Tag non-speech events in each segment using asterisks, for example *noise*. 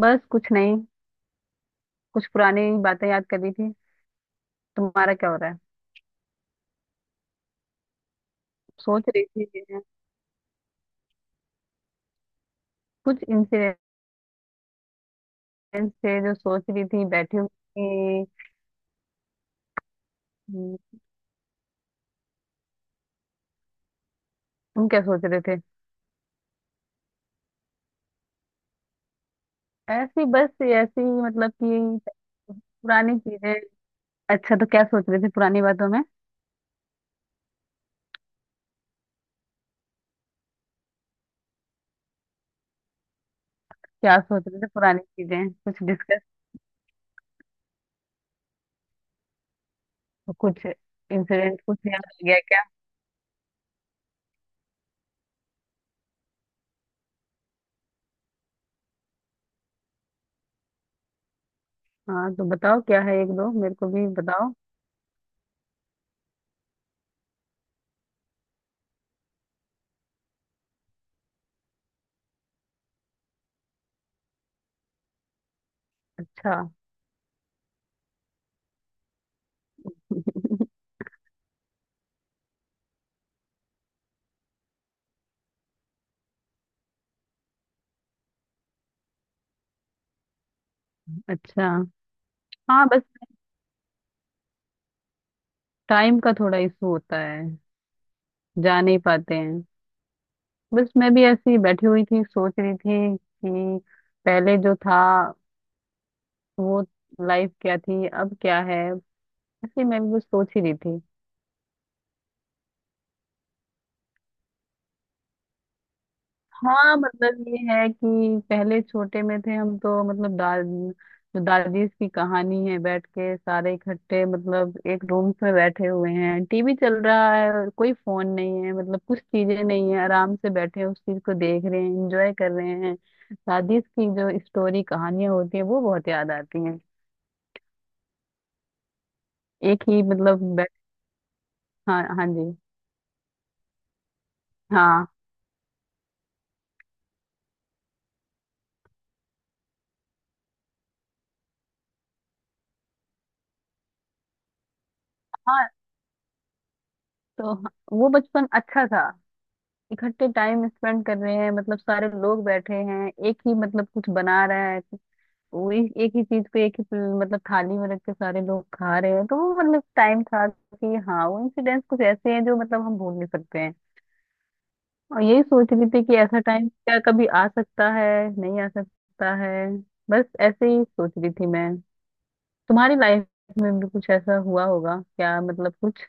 बस कुछ नहीं। कुछ पुरानी बातें याद कर रही थी। तुम्हारा क्या हो रहा है। सोच रही थी कुछ इंसिडेंट थे जो सोच रही थी बैठी हुई थी। हम्म, तुम क्या सोच रहे थे। ऐसी बस ऐसी मतलब कि पुरानी चीजें। अच्छा तो क्या सोच रहे थे पुरानी बातों में। क्या सोच रहे थे पुरानी चीजें कुछ डिस्कस। कुछ इंसिडेंट कुछ याद आ गया क्या। हाँ तो बताओ क्या है एक दो मेरे को भी बताओ। अच्छा। अच्छा। हाँ बस। टाइम का थोड़ा इशू होता है। जा नहीं पाते हैं। बस मैं भी ऐसी ही बैठी हुई थी सोच रही थी कि पहले जो था वो लाइफ क्या थी अब क्या है। ऐसे मैं भी कुछ सोच ही रही थी। हाँ मतलब ये है कि पहले छोटे में थे हम तो मतलब दाद जो दादीज की कहानी है बैठ के सारे इकट्ठे मतलब एक रूम में बैठे हुए हैं, टीवी चल रहा है और कोई फोन नहीं है, मतलब कुछ चीजें नहीं है, आराम से बैठे हैं, उस चीज को देख रहे हैं, एंजॉय कर रहे हैं। दादीज की जो स्टोरी कहानियां होती है वो बहुत याद आती हैं। एक ही मतलब बैठ। हाँ हाँ जी। हाँ हाँ तो वो बचपन अच्छा था। इकट्ठे टाइम स्पेंड कर रहे हैं, मतलब सारे लोग बैठे हैं एक ही मतलब कुछ बना रहा है। वो एक एक ही चीज को एक ही मतलब थाली में रख के सारे लोग खा रहे हैं, तो वो मतलब टाइम था कि हाँ वो इंसिडेंट्स कुछ ऐसे हैं जो मतलब हम भूल नहीं सकते हैं। और यही सोच रही थी कि ऐसा टाइम क्या कभी आ सकता है। नहीं आ सकता है। बस ऐसे ही सोच रही थी मैं। तुम्हारी लाइफ में भी कुछ ऐसा हुआ होगा क्या मतलब कुछ।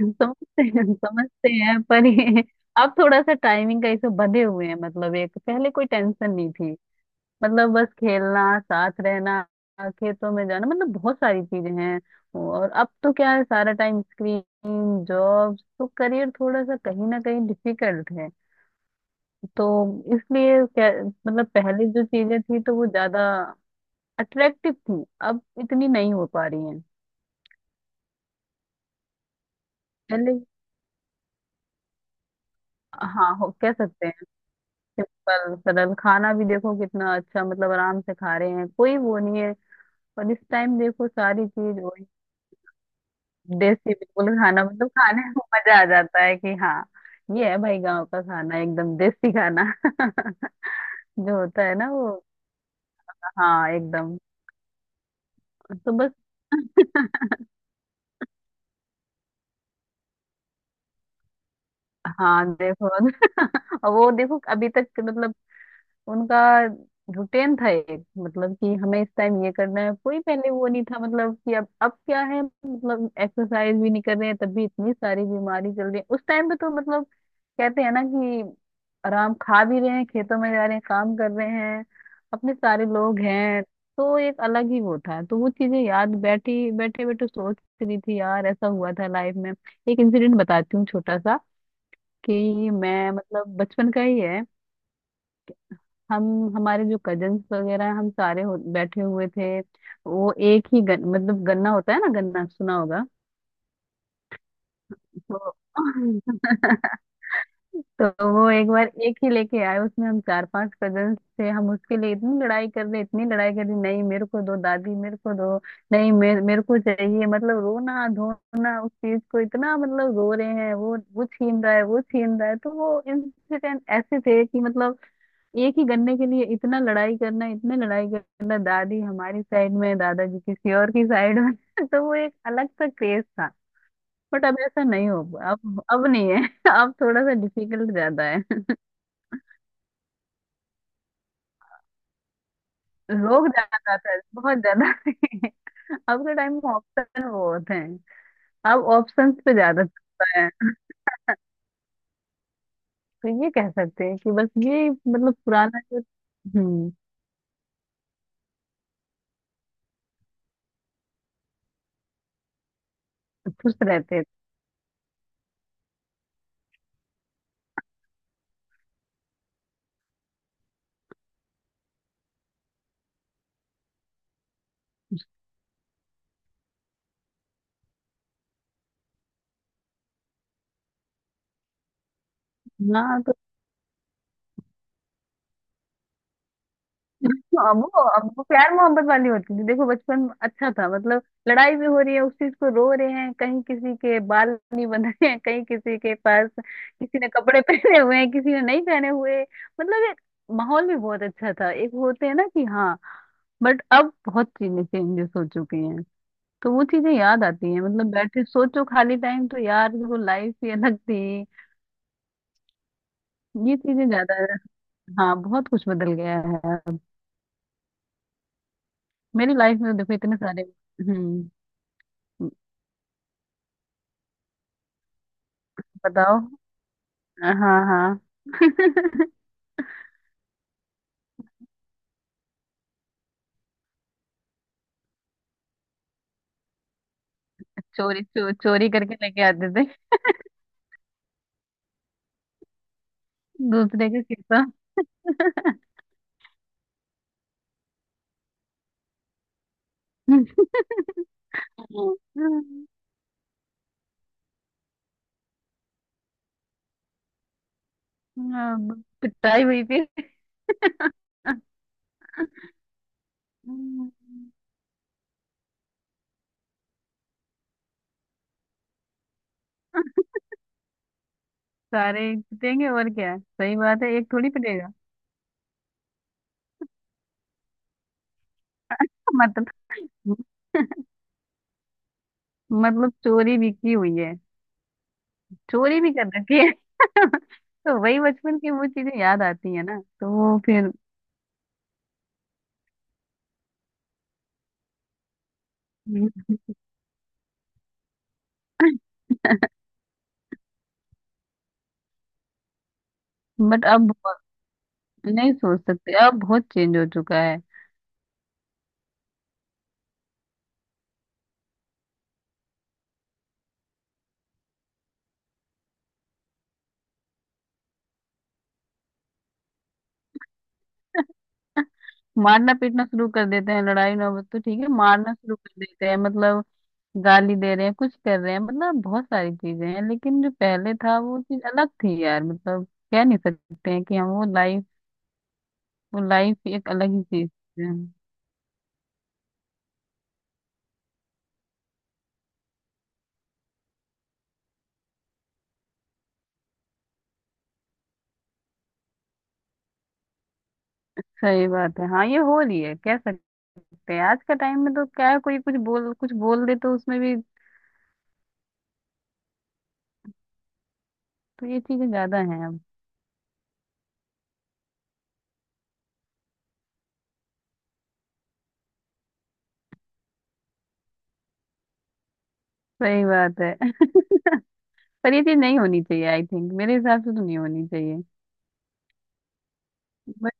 समझते हैं पर ये अब थोड़ा सा टाइमिंग का इसे बंधे हुए हैं, मतलब एक पहले कोई टेंशन नहीं थी। मतलब बस खेलना साथ रहना खेतों में जाना मतलब बहुत सारी चीजें हैं। और अब तो क्या है, सारा टाइम स्क्रीन जॉब तो करियर थोड़ा सा कहीं ना कहीं डिफिकल्ट है। तो इसलिए क्या मतलब पहले जो चीजें थी तो वो ज्यादा अट्रैक्टिव थी, अब इतनी नहीं हो पा रही हैं। पहले। हाँ हो कह सकते हैं। सिंपल सरल खाना भी देखो कितना अच्छा, मतलब आराम से खा रहे हैं कोई वो नहीं है। और इस टाइम देखो सारी चीज वही। देसी बिल्कुल खाना मतलब खाने में मजा आ जाता है कि हाँ ये है भाई गांव का खाना एकदम देसी खाना *laughs* जो होता है ना वो। हाँ एकदम। तो बस। हाँ देखो *laughs* और वो देखो अभी तक मतलब उनका रूटीन था एक मतलब कि हमें इस टाइम ये करना है, कोई पहले वो नहीं था मतलब कि अब क्या है, मतलब एक्सरसाइज भी नहीं कर रहे हैं तब भी इतनी सारी बीमारी चल रही है, उस टाइम पे तो मतलब कहते हैं ना कि आराम खा भी रहे हैं खेतों में जा रहे हैं काम कर रहे हैं अपने सारे लोग हैं तो एक अलग ही वो था। तो वो चीजें याद बैठी बैठे बैठे सोच रही थी यार ऐसा हुआ था लाइफ में। एक इंसिडेंट बताती हूँ छोटा सा कि मैं मतलब बचपन का ही है। हम हमारे जो कजन्स वगैरह हैं, हम सारे हो, बैठे हुए थे। वो एक ही मतलब गन्ना होता है ना, गन्ना सुना होगा। तो *laughs* तो वो एक बार एक ही लेके आए, उसमें हम चार पांच कजन्स थे। हम उसके लिए इतनी लड़ाई कर रहे इतनी लड़ाई कर रहे, नहीं मेरे को दो दादी मेरे को दो, नहीं मेरे मेरे को चाहिए, मतलब रोना धोना उस चीज को इतना मतलब रो रहे हैं, वो छीन रहा है वो छीन रहा है, तो वो इंसिडेंट ऐसे थे कि मतलब एक ही गन्ने के लिए इतना लड़ाई करना इतने लड़ाई करना, दादी हमारी साइड में दादाजी किसी और की साइड में। *laughs* तो वो एक अलग सा क्रेज था। बट अब ऐसा नहीं हो। अब नहीं है। *laughs* अब थोड़ा सा डिफिकल्ट ज्यादा है। *laughs* लोग ज्यादा था बहुत ज्यादा थे। *laughs* अब के टाइम में ऑप्शन वो होते हैं। अब ऑप्शंस पे ज्यादा चलता है। तो ये कह सकते हैं कि बस ये मतलब पुराना जो। हम्म। खुश रहते थे। हाँ *laughs* हाँ, वो अब वो प्यार मोहब्बत वाली होती थी, देखो बचपन अच्छा था मतलब। लड़ाई भी हो रही है, उस चीज को रो रहे हैं, कहीं किसी के बाल नहीं बंध रहे हैं, कहीं किसी के पास किसी ने कपड़े *laughs* पहने हुए हैं किसी ने नहीं पहने हुए, मतलब एक माहौल भी बहुत अच्छा था, एक होते हैं ना कि हाँ। बट अब बहुत चीजें चेंजेस हो चुकी हैं। तो वो चीजें याद आती हैं, मतलब बैठे सोचो खाली टाइम तो यार वो लाइफ ही अलग थी। ये चीजें ज्यादा। हाँ बहुत कुछ बदल गया है अब। मेरी लाइफ में देखो इतने सारे। हम्म। बताओ। हाँ। हाँ। *laughs* चोरी करके लेके आते थे। दूसरे का किस्सा। अब पिटाई हुई फिर। हम्म, सारे पिटेंगे और क्या सही बात है, एक थोड़ी पिटेगा। मतलब मतलब चोरी भी की हुई है। चोरी भी कर रखी है। *laughs* तो वही बचपन की वो चीजें याद आती है ना तो वो फिर बट अब बहुत- नहीं सोच सकते, अब बहुत चेंज हो चुका है। मारना पीटना शुरू कर देते हैं, लड़ाई नौबत तो ठीक है मारना शुरू कर देते हैं, मतलब गाली दे रहे हैं कुछ कर रहे हैं, मतलब बहुत सारी चीजें हैं लेकिन जो पहले था वो चीज अलग थी यार मतलब। कह नहीं सकते हैं कि हम वो लाइफ एक अलग ही चीज है। सही बात है। हाँ ये हो रही है कह सकते हैं। आज का टाइम में तो क्या है, कोई कुछ बोल दे तो उसमें भी। तो ये चीजें ज्यादा हैं अब। सही बात है। *laughs* पर ये चीज नहीं होनी चाहिए, आई थिंक मेरे हिसाब से तो नहीं होनी चाहिए। बट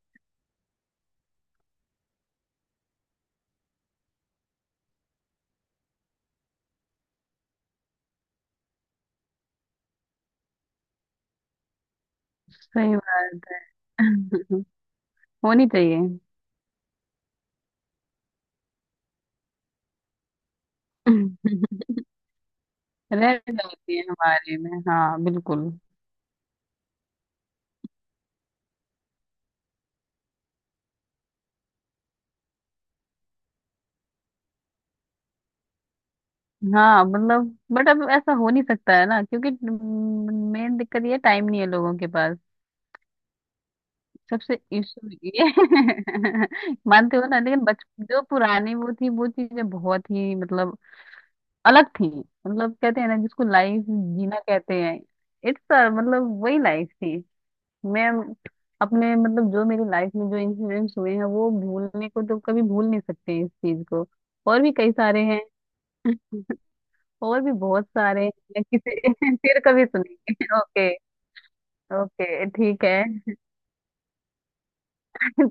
सही बात है। *laughs* होनी चाहिए। *laughs* रह जाती है हमारे में, हाँ बिल्कुल। हाँ मतलब बट अब ऐसा हो नहीं सकता है ना क्योंकि मेन दिक्कत ये टाइम नहीं है लोगों के पास। सबसे इशू ये *laughs* मानते हो ना लेकिन बच जो पुरानी वो थी वो चीजें बहुत ही मतलब अलग थी। मतलब कहते हैं ना जिसको लाइफ जीना कहते हैं। इट्स मतलब वही लाइफ थी। मैं अपने मतलब जो मेरी लाइफ में जो इंसिडेंट्स हुए हैं वो भूलने को तो कभी भूल नहीं सकते इस चीज को। और भी कई सारे हैं। और भी बहुत सारे हैं, किसी *laughs* फिर कभी सुनेंगे। ओके। ओके ठीक है। *laughs*